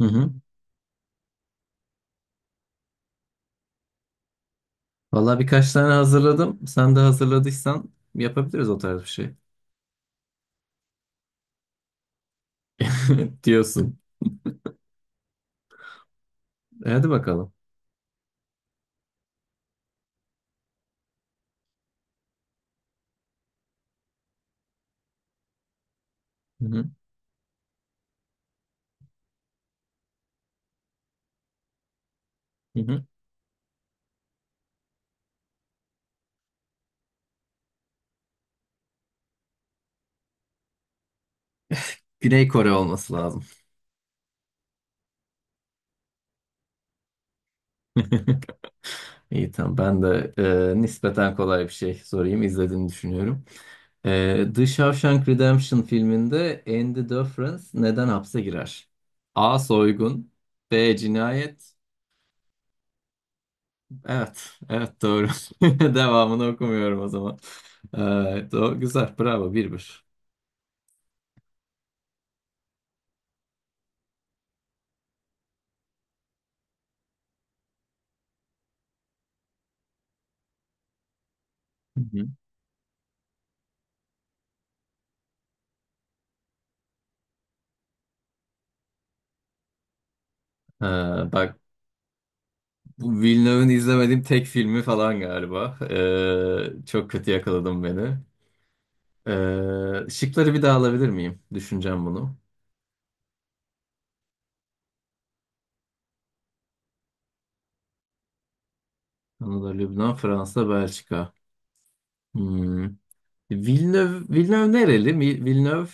Hı hı. Valla birkaç tane hazırladım. Sen de hazırladıysan yapabiliriz o tarz bir şey. Diyorsun. Hadi bakalım. Hı hı. Hı hı. Güney Kore olması lazım. İyi, tamam. Ben de nispeten kolay bir şey sorayım. İzlediğini düşünüyorum. The Shawshank Redemption filminde Andy Dufresne neden hapse girer? A. Soygun. B. Cinayet. Evet. Evet, doğru. Devamını okumuyorum o zaman. E, Güzel. Bravo. 1-1. Hı hı. Ha, bak, bu Villeneuve'ın izlemediğim tek filmi falan galiba. Çok kötü yakaladım beni. Şıkları bir daha alabilir miyim? Düşüneceğim bunu. Kanada, Lübnan, Fransa, Belçika. Hmm. Villeneuve nereli? Villeneuve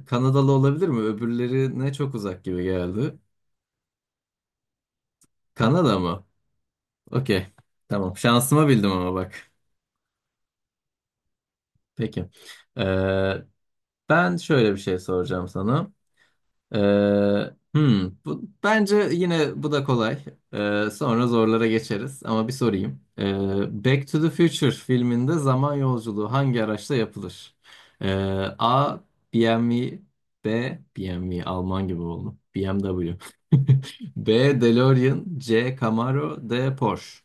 Kanadalı olabilir mi? Öbürleri ne çok uzak gibi geldi. Kanada mı? Okey. Tamam. Şansıma bildim ama bak. Peki. Ee, Ben şöyle bir şey soracağım sana. Ee, bence yine bu da kolay. Sonra zorlara geçeriz ama bir sorayım. Back to the Future filminde zaman yolculuğu hangi araçla yapılır? Ee, A. BMW B. BMW Alman gibi oldu. BMW B. DeLorean C. Camaro D. Porsche.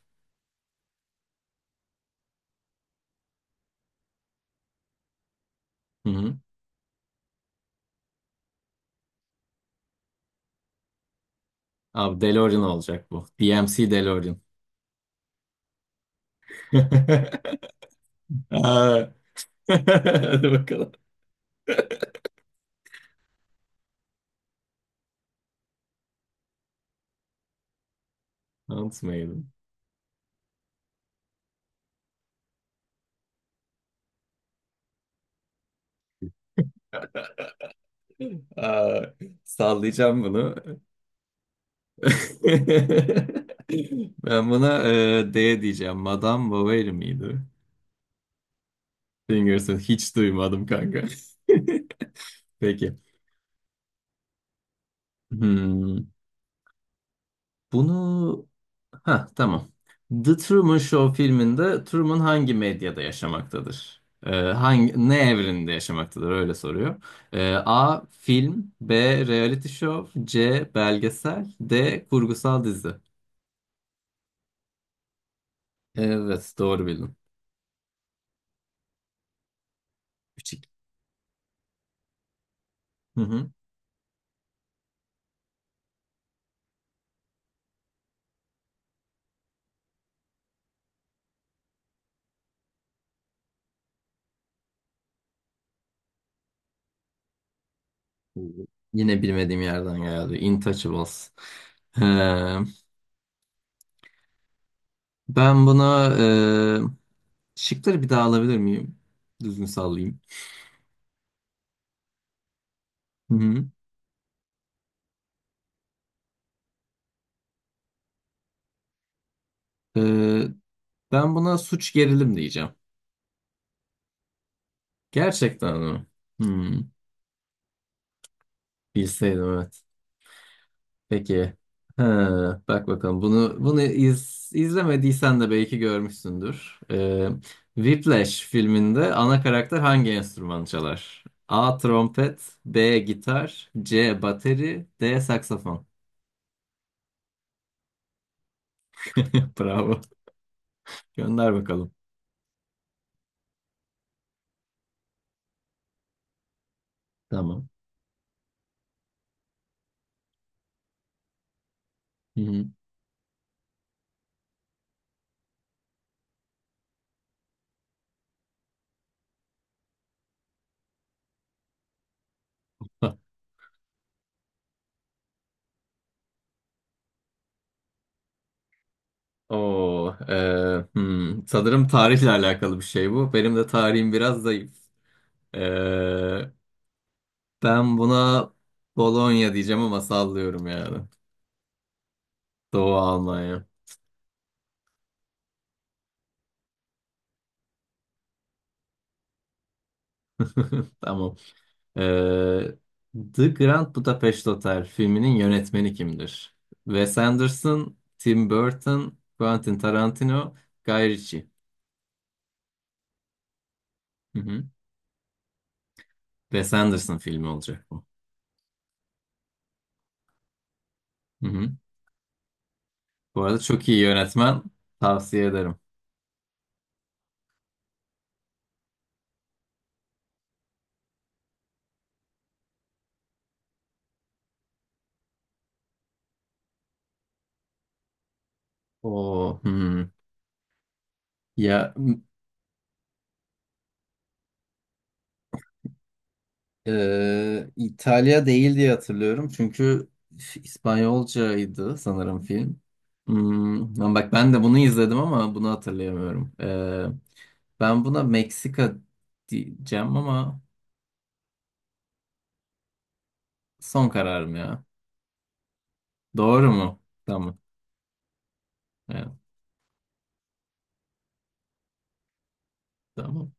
Hı hı. Abi DeLorean olacak bu. DMC DeLorean. Aa. Hadi bakalım. Unutmayalım. Aa, sallayacağım bunu. Ben buna D diyeceğim. Madame Bovary miydi? Fingers'ın hiç duymadım, kanka. Peki. Hmm, bunu... Ha, tamam. The Truman Show filminde Truman hangi medyada yaşamaktadır? Ne evreninde yaşamaktadır? Öyle soruyor. A. Film B. Reality show C. Belgesel D. Kurgusal dizi. Evet, doğru bildin. Hı hı. Yine bilmediğim yerden geldi. Intouchables. Ee, Ben buna şıkları bir daha alabilir miyim? Düzgün sallayayım. Hı hı. Ee, Ben buna suç gerilim diyeceğim. Gerçekten mi? Hmm, bilseydim evet. Peki. Ha, bak bakalım bunu izlemediysen de belki görmüşsündür. Whiplash filminde ana karakter hangi enstrümanı çalar? A. Trompet B. Gitar C. Bateri D. Saksafon. Bravo. Gönder bakalım. Tamam. Hı-hı. Oo, e, hmm. Sanırım tarihle alakalı bir şey bu. Benim de tarihim biraz zayıf. Ee, Ben buna Bologna diyeceğim ama sallıyorum yani. Doğu Almanya. Tamam. Ee, The Grand Budapest Hotel filminin yönetmeni kimdir? Wes Anderson, Tim Burton, Quentin Tarantino, Guy Ritchie. Hı hı. Wes Anderson filmi olacak bu. Hı hı. Bu arada çok iyi yönetmen. Tavsiye ederim. O Ya İtalya değil diye hatırlıyorum. Çünkü İspanyolcaydı sanırım film. Hmm, lan bak, ben de bunu izledim ama bunu hatırlayamıyorum. Ben buna Meksika diyeceğim ama son kararım ya. Doğru mu? Tamam. Evet, tamam.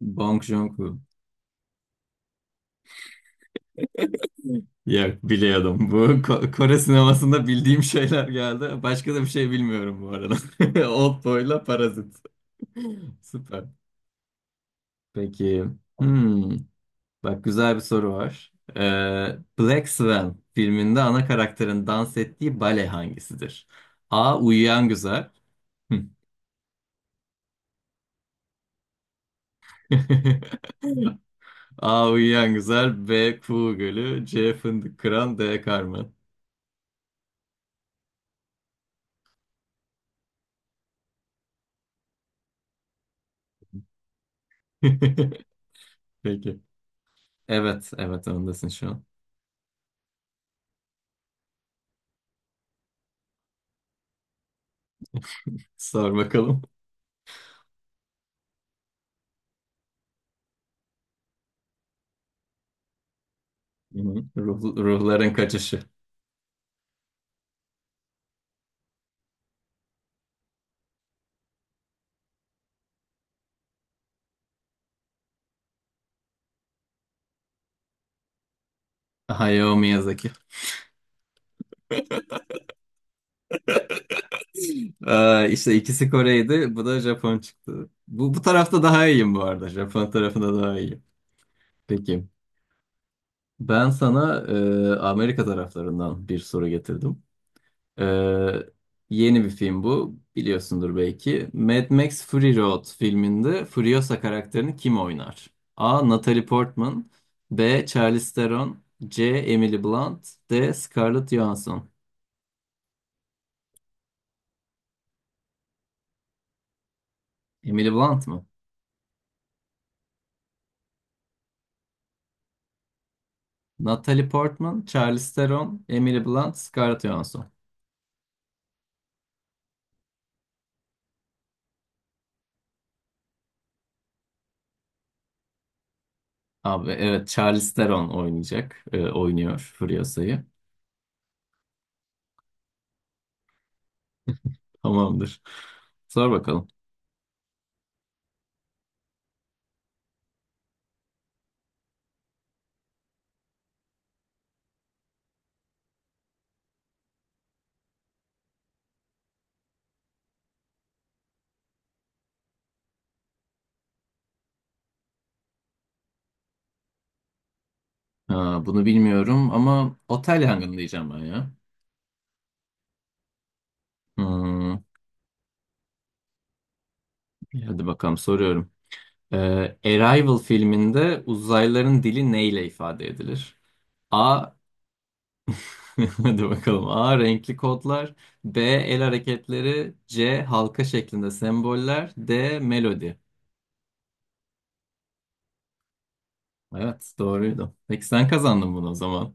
Bong Joon-ho. Ya, biliyordum. Bu Kore sinemasında bildiğim şeyler geldi. Başka da bir şey bilmiyorum bu arada. Old Boy'la Parazit. Süper. Peki. Hmm. Bak, güzel bir soru var. Black Swan filminde ana karakterin dans ettiği bale hangisidir? A. Uyuyan Güzel. Hı. A. Uyuyan Güzel. B. Kuğu Gölü. C. Fındık Kıran. D. Carmen. Peki. Evet, evet, ondasın şu an. Sor bakalım. Hı. Ruhların kaçışı. Hayao Miyazaki. İşte ikisi Kore'ydi. Bu da Japon çıktı. Bu tarafta daha iyiyim bu arada. Japon tarafında daha iyiyim. Peki. Ben sana Amerika taraflarından bir soru getirdim. E, Yeni bir film bu. Biliyorsundur belki. Mad Max Fury Road filminde Furiosa karakterini kim oynar? A. Natalie Portman B. Charlize Theron C. Emily Blunt D. Scarlett Johansson. Emily Blunt mı? Natalie Portman, Charlize Theron, Emily Blunt, Scarlett Johansson. Abi, evet, Charlize Theron oynayacak. Oynuyor Furiosa'yı. Tamamdır. Sor bakalım. Ha, bunu bilmiyorum ama otel yangını diyeceğim ben ya. Hmm, hadi bakalım, soruyorum. Ee, Arrival filminde uzaylıların dili neyle ifade edilir? A. Hadi bakalım. A. Renkli kodlar. B. El hareketleri. C. Halka şeklinde semboller. D. Melodi. Evet, doğruydu. Peki, sen kazandın bunu o zaman.